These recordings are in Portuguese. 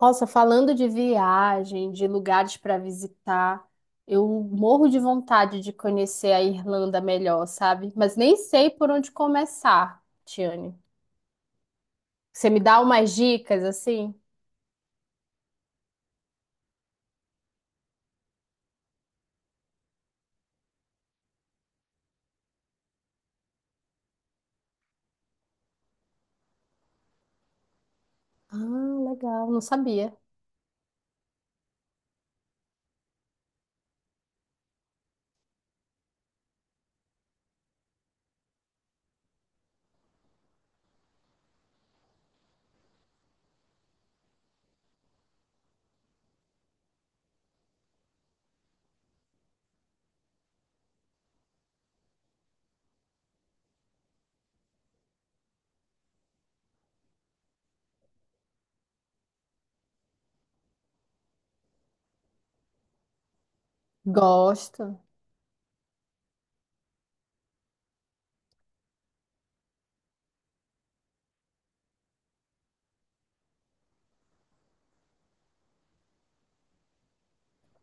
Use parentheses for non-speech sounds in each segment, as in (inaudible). Nossa, falando de viagem, de lugares para visitar, eu morro de vontade de conhecer a Irlanda melhor, sabe? Mas nem sei por onde começar, Tiane. Você me dá umas dicas assim? Ah, legal, não sabia. Gosto,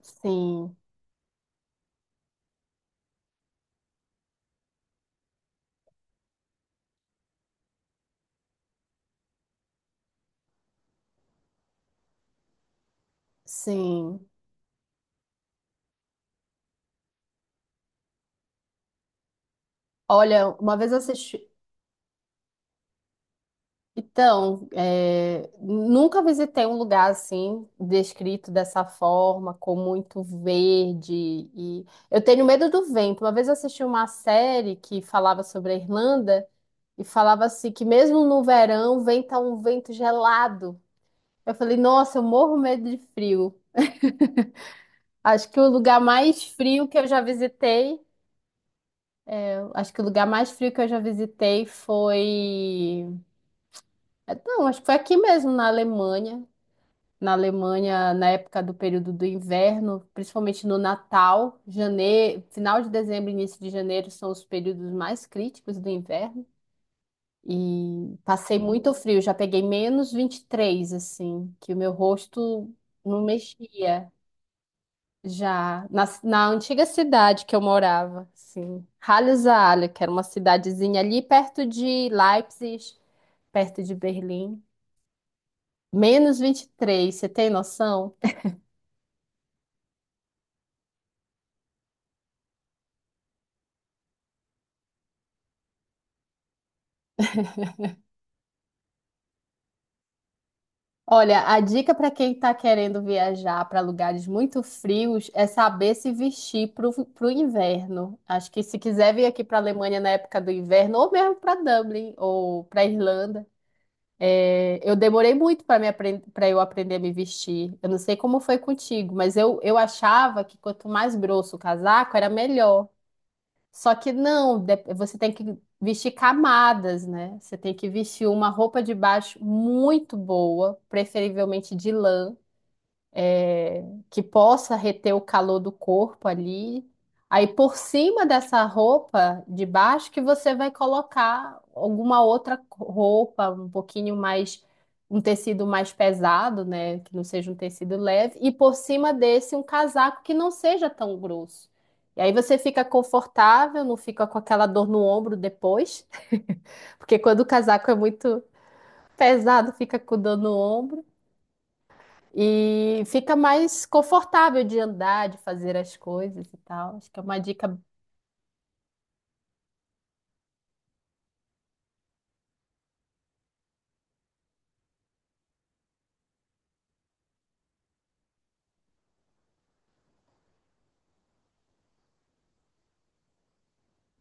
sim, sim. Olha, uma vez eu assisti. Então, nunca visitei um lugar assim, descrito dessa forma, com muito verde. E eu tenho medo do vento. Uma vez eu assisti uma série que falava sobre a Irlanda e falava assim que mesmo no verão venta um vento gelado. Eu falei, nossa, eu morro medo de frio. Acho que o lugar mais frio que eu já visitei, eu acho que o lugar mais frio que eu já visitei foi, não, acho que foi aqui mesmo na Alemanha. Na Alemanha na época do período do inverno, principalmente no Natal, janeiro, final de dezembro, início de janeiro são os períodos mais críticos do inverno. E passei muito frio, já peguei menos 23, assim, que o meu rosto não mexia já na antiga cidade que eu morava, assim, Halle-Saale, que era uma cidadezinha ali perto de Leipzig, perto de Berlim. Menos 23. Você tem noção? Olha, a dica para quem está querendo viajar para lugares muito frios é saber se vestir para o inverno. Acho que se quiser vir aqui para a Alemanha na época do inverno, ou mesmo para Dublin ou para Irlanda, eu demorei muito para para eu aprender a me vestir. Eu não sei como foi contigo, mas eu achava que quanto mais grosso o casaco era melhor. Só que não, você tem que vestir camadas, né? Você tem que vestir uma roupa de baixo muito boa, preferivelmente de lã que possa reter o calor do corpo ali. Aí por cima dessa roupa de baixo que você vai colocar alguma outra roupa, um pouquinho mais, um tecido mais pesado, né? Que não seja um tecido leve. E por cima desse um casaco que não seja tão grosso. E aí você fica confortável, não fica com aquela dor no ombro depois. (laughs) Porque quando o casaco é muito pesado, fica com dor no ombro. E fica mais confortável de andar, de fazer as coisas e tal. Acho que é uma dica,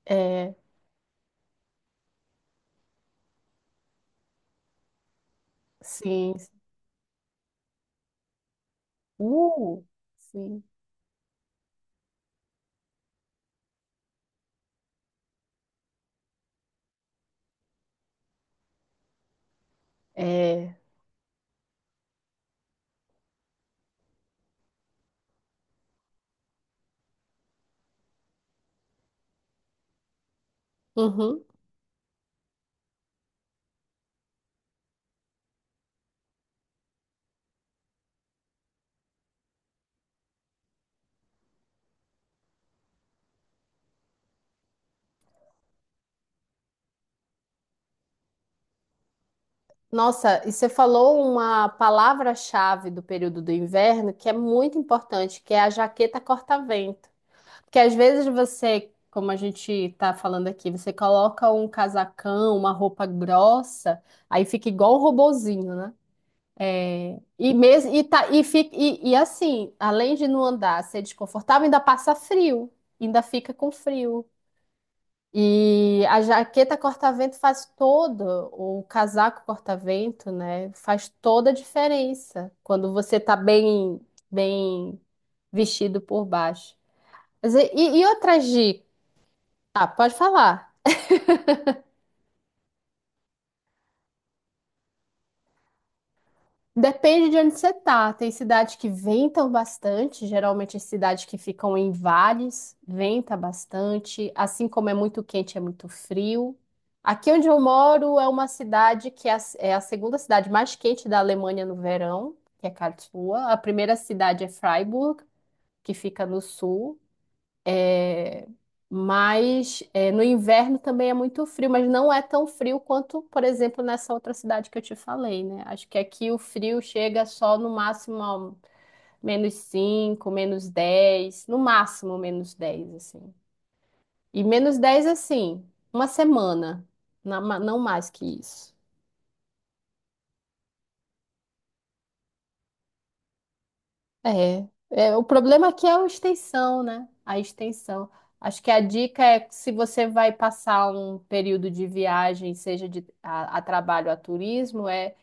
é, sim. Uh, sim. É, uhum. Nossa, e você falou uma palavra-chave do período do inverno que é muito importante, que é a jaqueta corta-vento. Porque às vezes você, como a gente está falando aqui, você coloca um casacão, uma roupa grossa, aí fica igual um robozinho, né? É, e mesmo e, tá, e, fica, e Assim, além de não andar, ser desconfortável, ainda passa frio, ainda fica com frio. E a jaqueta corta-vento faz todo, o casaco corta-vento, né? Faz toda a diferença quando você tá bem, bem vestido por baixo. Mas e outras dicas? Ah, pode falar. Depende de onde você tá. Tem cidades que ventam bastante, geralmente as cidades que ficam em vales, venta bastante, assim como é muito quente, é muito frio. Aqui onde eu moro é uma cidade que é a segunda cidade mais quente da Alemanha no verão, que é Karlsruhe. A primeira cidade é Freiburg, que fica no sul. É, mas no inverno também é muito frio, mas não é tão frio quanto, por exemplo, nessa outra cidade que eu te falei, né? Acho que aqui o frio chega só no máximo a menos 5 menos 10 no máximo menos 10 assim. E menos 10 assim, uma semana, não mais que isso. O problema aqui é a extensão, né? A extensão. Acho que a dica é que se você vai passar um período de viagem, seja a trabalho, a turismo,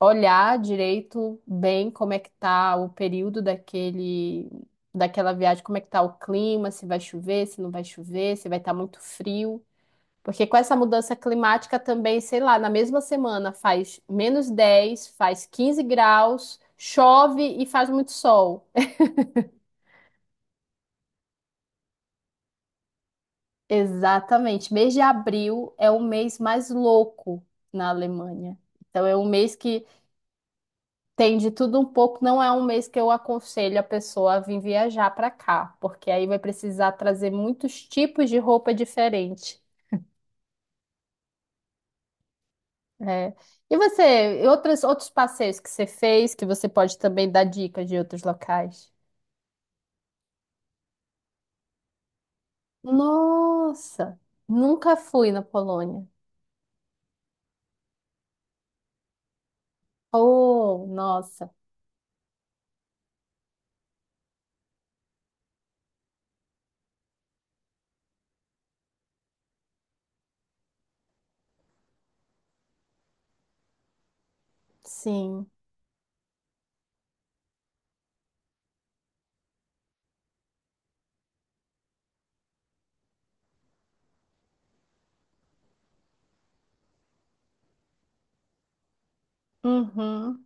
olhar direito bem como é que tá o período daquele, daquela viagem, como é que tá o clima, se vai chover, se não vai chover, se vai estar muito frio. Porque com essa mudança climática também, sei lá, na mesma semana faz menos 10, faz 15 graus, chove e faz muito sol. Exatamente. Mês de abril é o mês mais louco na Alemanha. Então é um mês que tem de tudo um pouco. Não é um mês que eu aconselho a pessoa a vir viajar para cá, porque aí vai precisar trazer muitos tipos de roupa diferente. Né? E você, outros passeios que você fez, que você pode também dar dicas de outros locais? Nossa, nunca fui na Polônia. Oh, nossa, sim. Uhum.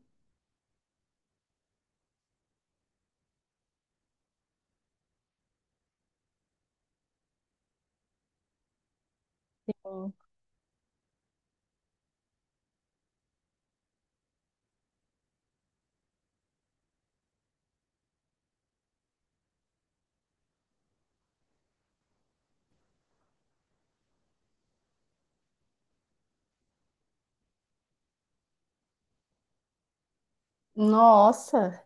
Nossa.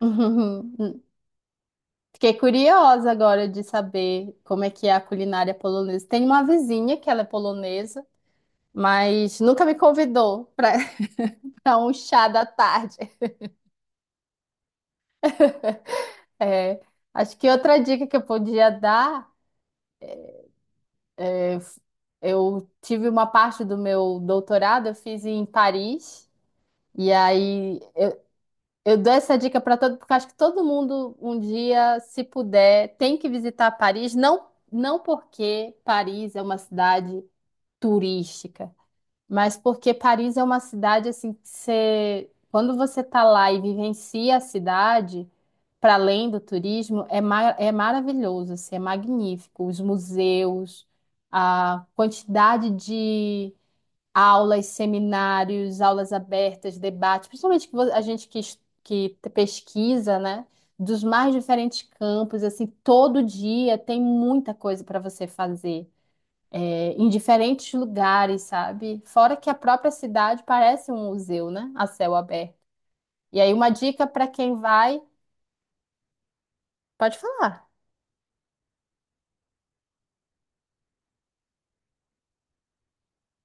Uhum. Fiquei curiosa agora de saber como é que é a culinária polonesa. Tem uma vizinha que ela é polonesa, mas nunca me convidou para (laughs) um chá da tarde. (laughs) É, acho que outra dica que eu podia dar, eu tive uma parte do meu doutorado, eu fiz em Paris, e aí eu dou essa dica para todo, porque acho que todo mundo um dia, se puder, tem que visitar Paris, não. Não porque Paris é uma cidade turística, mas porque Paris é uma cidade assim que você, quando você tá lá e vivencia a cidade, para além do turismo, é maravilhoso, assim, é magnífico. Os museus, a quantidade de aulas, seminários, aulas abertas, debates, principalmente que a gente que, pesquisa, né? Dos mais diferentes campos, assim, todo dia tem muita coisa para você fazer em diferentes lugares, sabe? Fora que a própria cidade parece um museu, né? A céu aberto. E aí, uma dica para quem vai, pode falar.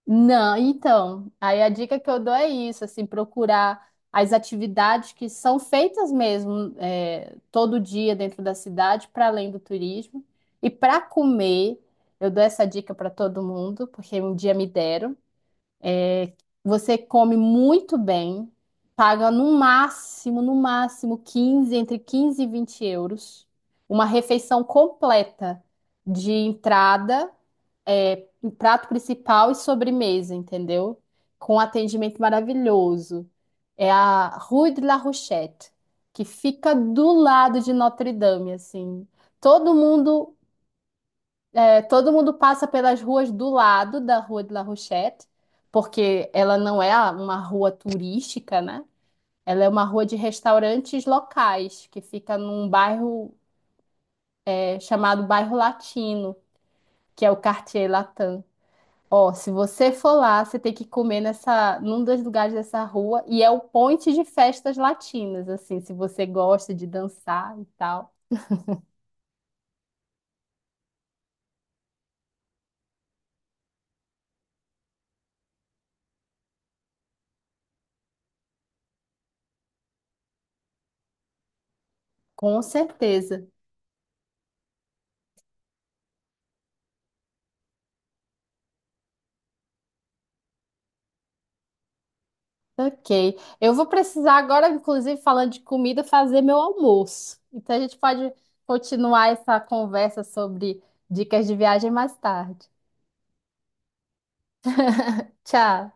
Não, então, aí a dica que eu dou é isso, assim, procurar as atividades que são feitas mesmo todo dia dentro da cidade, para além do turismo. E para comer, eu dou essa dica para todo mundo, porque um dia me deram. Você come muito bem, paga no máximo, no máximo 15, entre 15 e 20 euros, uma refeição completa de entrada, um prato principal e sobremesa, entendeu? Com atendimento maravilhoso. É a Rue de la Rochette, que fica do lado de Notre Dame, assim. Todo mundo todo mundo passa pelas ruas do lado da Rua de La Rochette, porque ela não é uma rua turística, né? Ela é uma rua de restaurantes locais, que fica num bairro chamado Bairro Latino, que é o Quartier Latin. Ó, se você for lá, você tem que comer nessa, num dos lugares dessa rua, e é o ponte de festas latinas, assim, se você gosta de dançar e tal. Com certeza. Ok. Eu vou precisar agora, inclusive, falando de comida, fazer meu almoço. Então a gente pode continuar essa conversa sobre dicas de viagem mais tarde. Tchau.